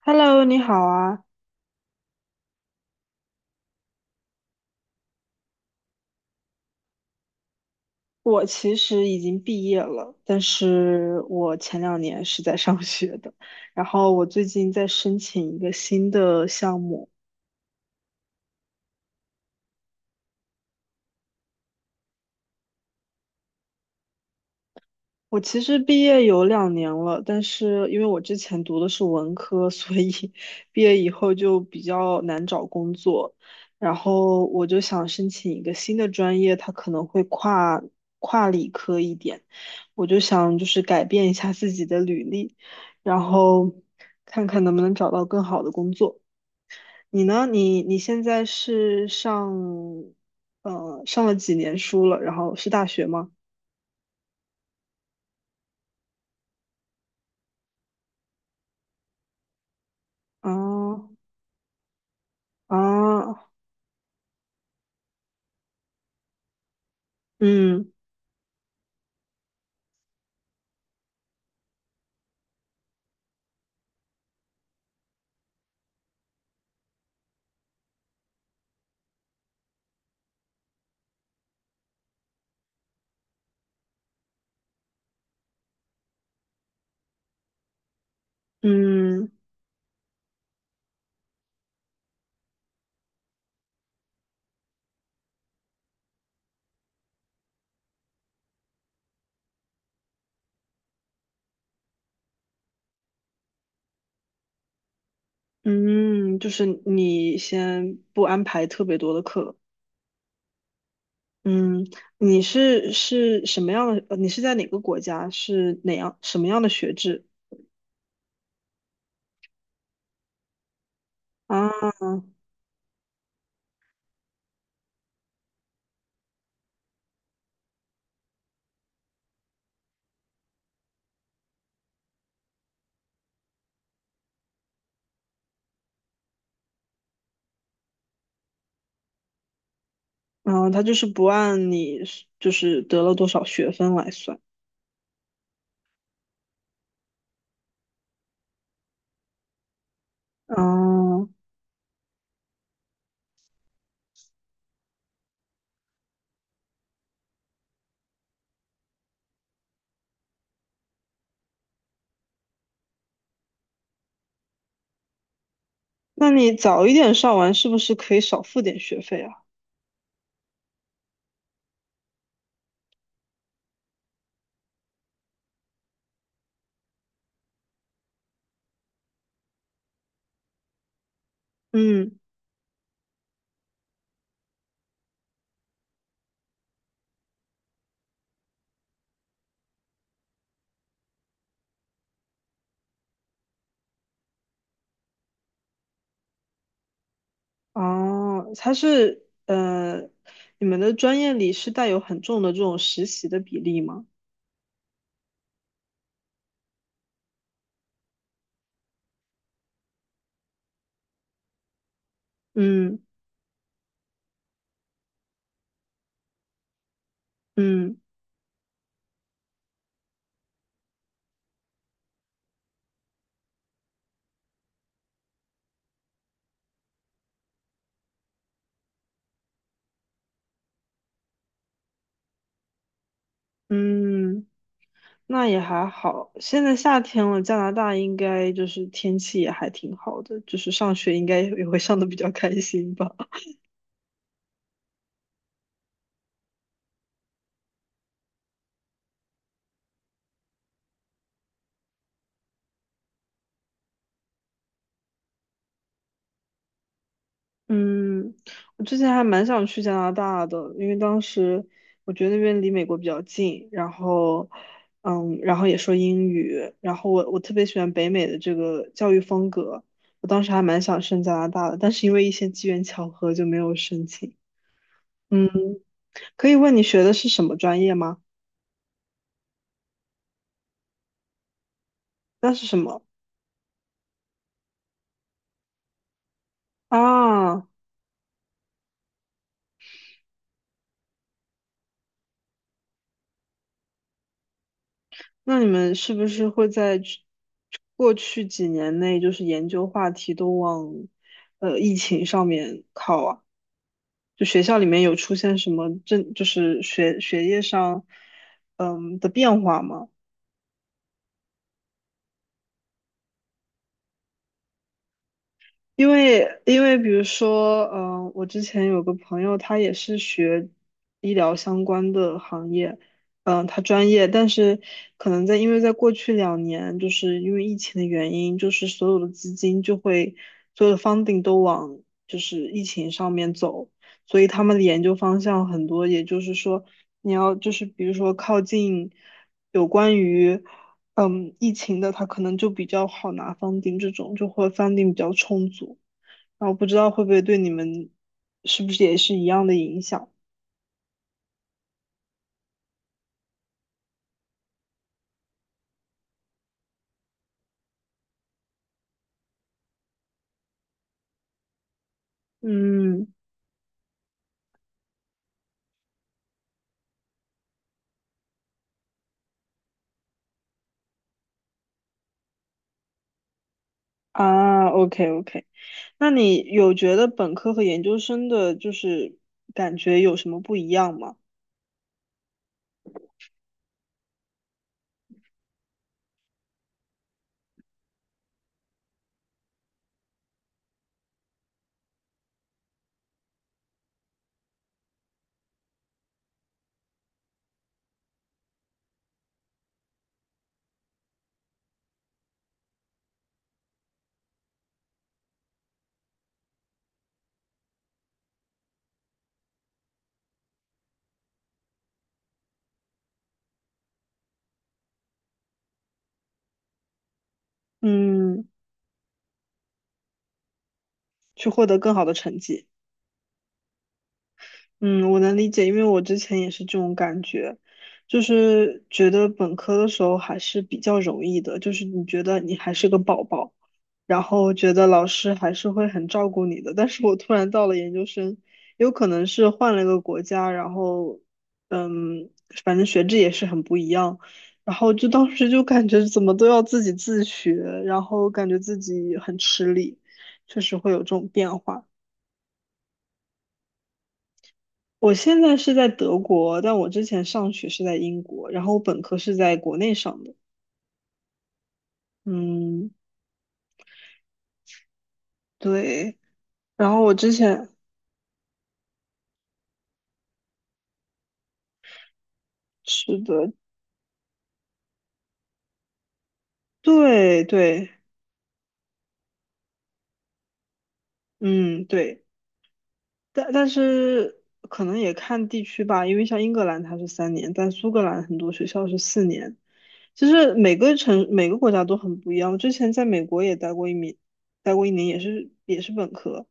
Hello，你好啊！我其实已经毕业了，但是我前两年是在上学的。然后我最近在申请一个新的项目。我其实毕业有两年了，但是因为我之前读的是文科，所以 毕业以后就比较难找工作。然后我就想申请一个新的专业，它可能会跨理科一点。我就想就是改变一下自己的履历，然后看看能不能找到更好的工作。你呢？你现在是上了几年书了？然后是大学吗？啊啊！嗯嗯嗯，就是你先不安排特别多的课。嗯，你是什么样的？你是在哪个国家？是什么样的学制啊？然后他就是不按你是就是得了多少学分来算。哦，那你早一点上完，是不是可以少付点学费啊？嗯，哦，你们的专业里是带有很重的这种实习的比例吗？嗯嗯。嗯，那也还好。现在夏天了，加拿大应该就是天气也还挺好的，就是上学应该也会上的比较开心吧。嗯，我之前还蛮想去加拿大的，因为当时我觉得那边离美国比较近，然后也说英语，然后我特别喜欢北美的这个教育风格。我当时还蛮想申加拿大的，但是因为一些机缘巧合就没有申请。嗯，可以问你学的是什么专业吗？那是什么？啊，那你们是不是会在过去几年内，就是研究话题都往疫情上面靠啊？就学校里面有出现什么政，就是学业上的变化吗？因为比如说，我之前有个朋友，他也是学医疗相关的行业，嗯、他专业，但是可能因为在过去两年，就是因为疫情的原因，就是所有的 funding 都往就是疫情上面走，所以他们的研究方向很多，也就是说，你要就是比如说靠近有关于。嗯，疫情的他可能就比较好拿 funding 这种，就会 funding 比较充足，然后不知道会不会对你们是不是也是一样的影响？嗯，啊，OK OK，那你有觉得本科和研究生的就是感觉有什么不一样吗？嗯，去获得更好的成绩。嗯，我能理解，因为我之前也是这种感觉，就是觉得本科的时候还是比较容易的，就是你觉得你还是个宝宝，然后觉得老师还是会很照顾你的。但是我突然到了研究生，有可能是换了一个国家，嗯，反正学制也是很不一样，然后就当时就感觉怎么都要自己自学，然后感觉自己很吃力，确实会有这种变化。我现在是在德国，但我之前上学是在英国，然后我本科是在国内上的。嗯，对。然后我之前是的，对对，嗯对，但是可能也看地区吧，因为像英格兰它是3年，但苏格兰很多学校是4年。其实每个国家都很不一样。之前在美国也待过一年，待过一年也是本科，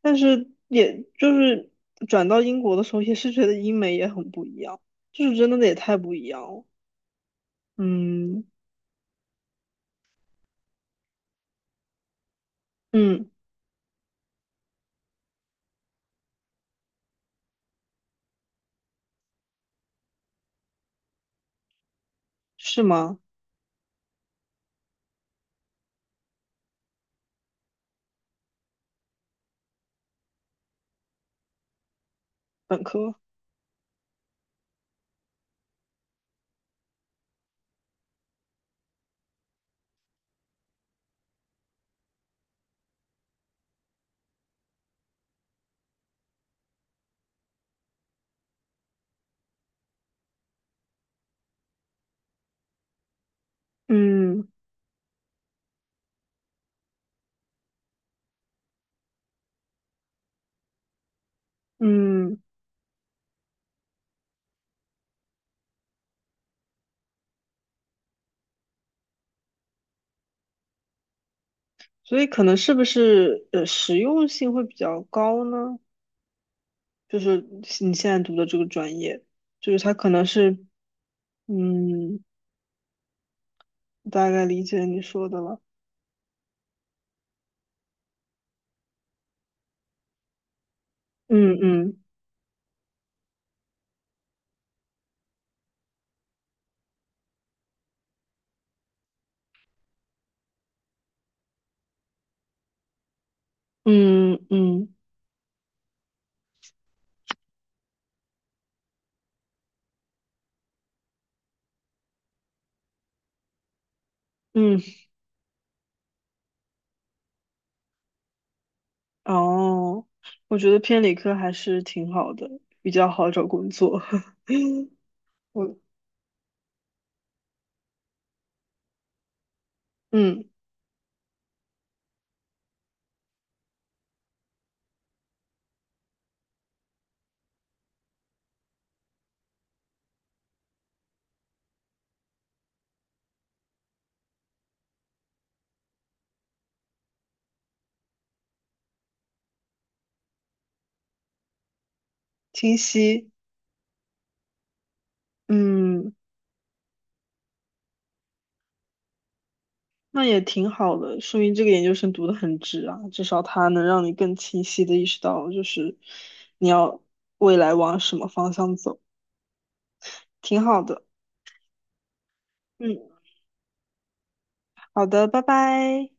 但是也就是转到英国的时候，也是觉得英美也很不一样，就是真的也太不一样了。嗯嗯，是吗？本科，嗯嗯，所以可能是不是实用性会比较高呢？就是你现在读的这个专业，就是它可能是，嗯，大概理解你说的了。嗯嗯嗯嗯嗯，哦，我觉得偏理科还是挺好的，比较好找工作。我嗯，清晰。嗯，那也挺好的，说明这个研究生读的很值啊，至少它能让你更清晰的意识到，就是你要未来往什么方向走，挺好的。嗯，好的，拜拜。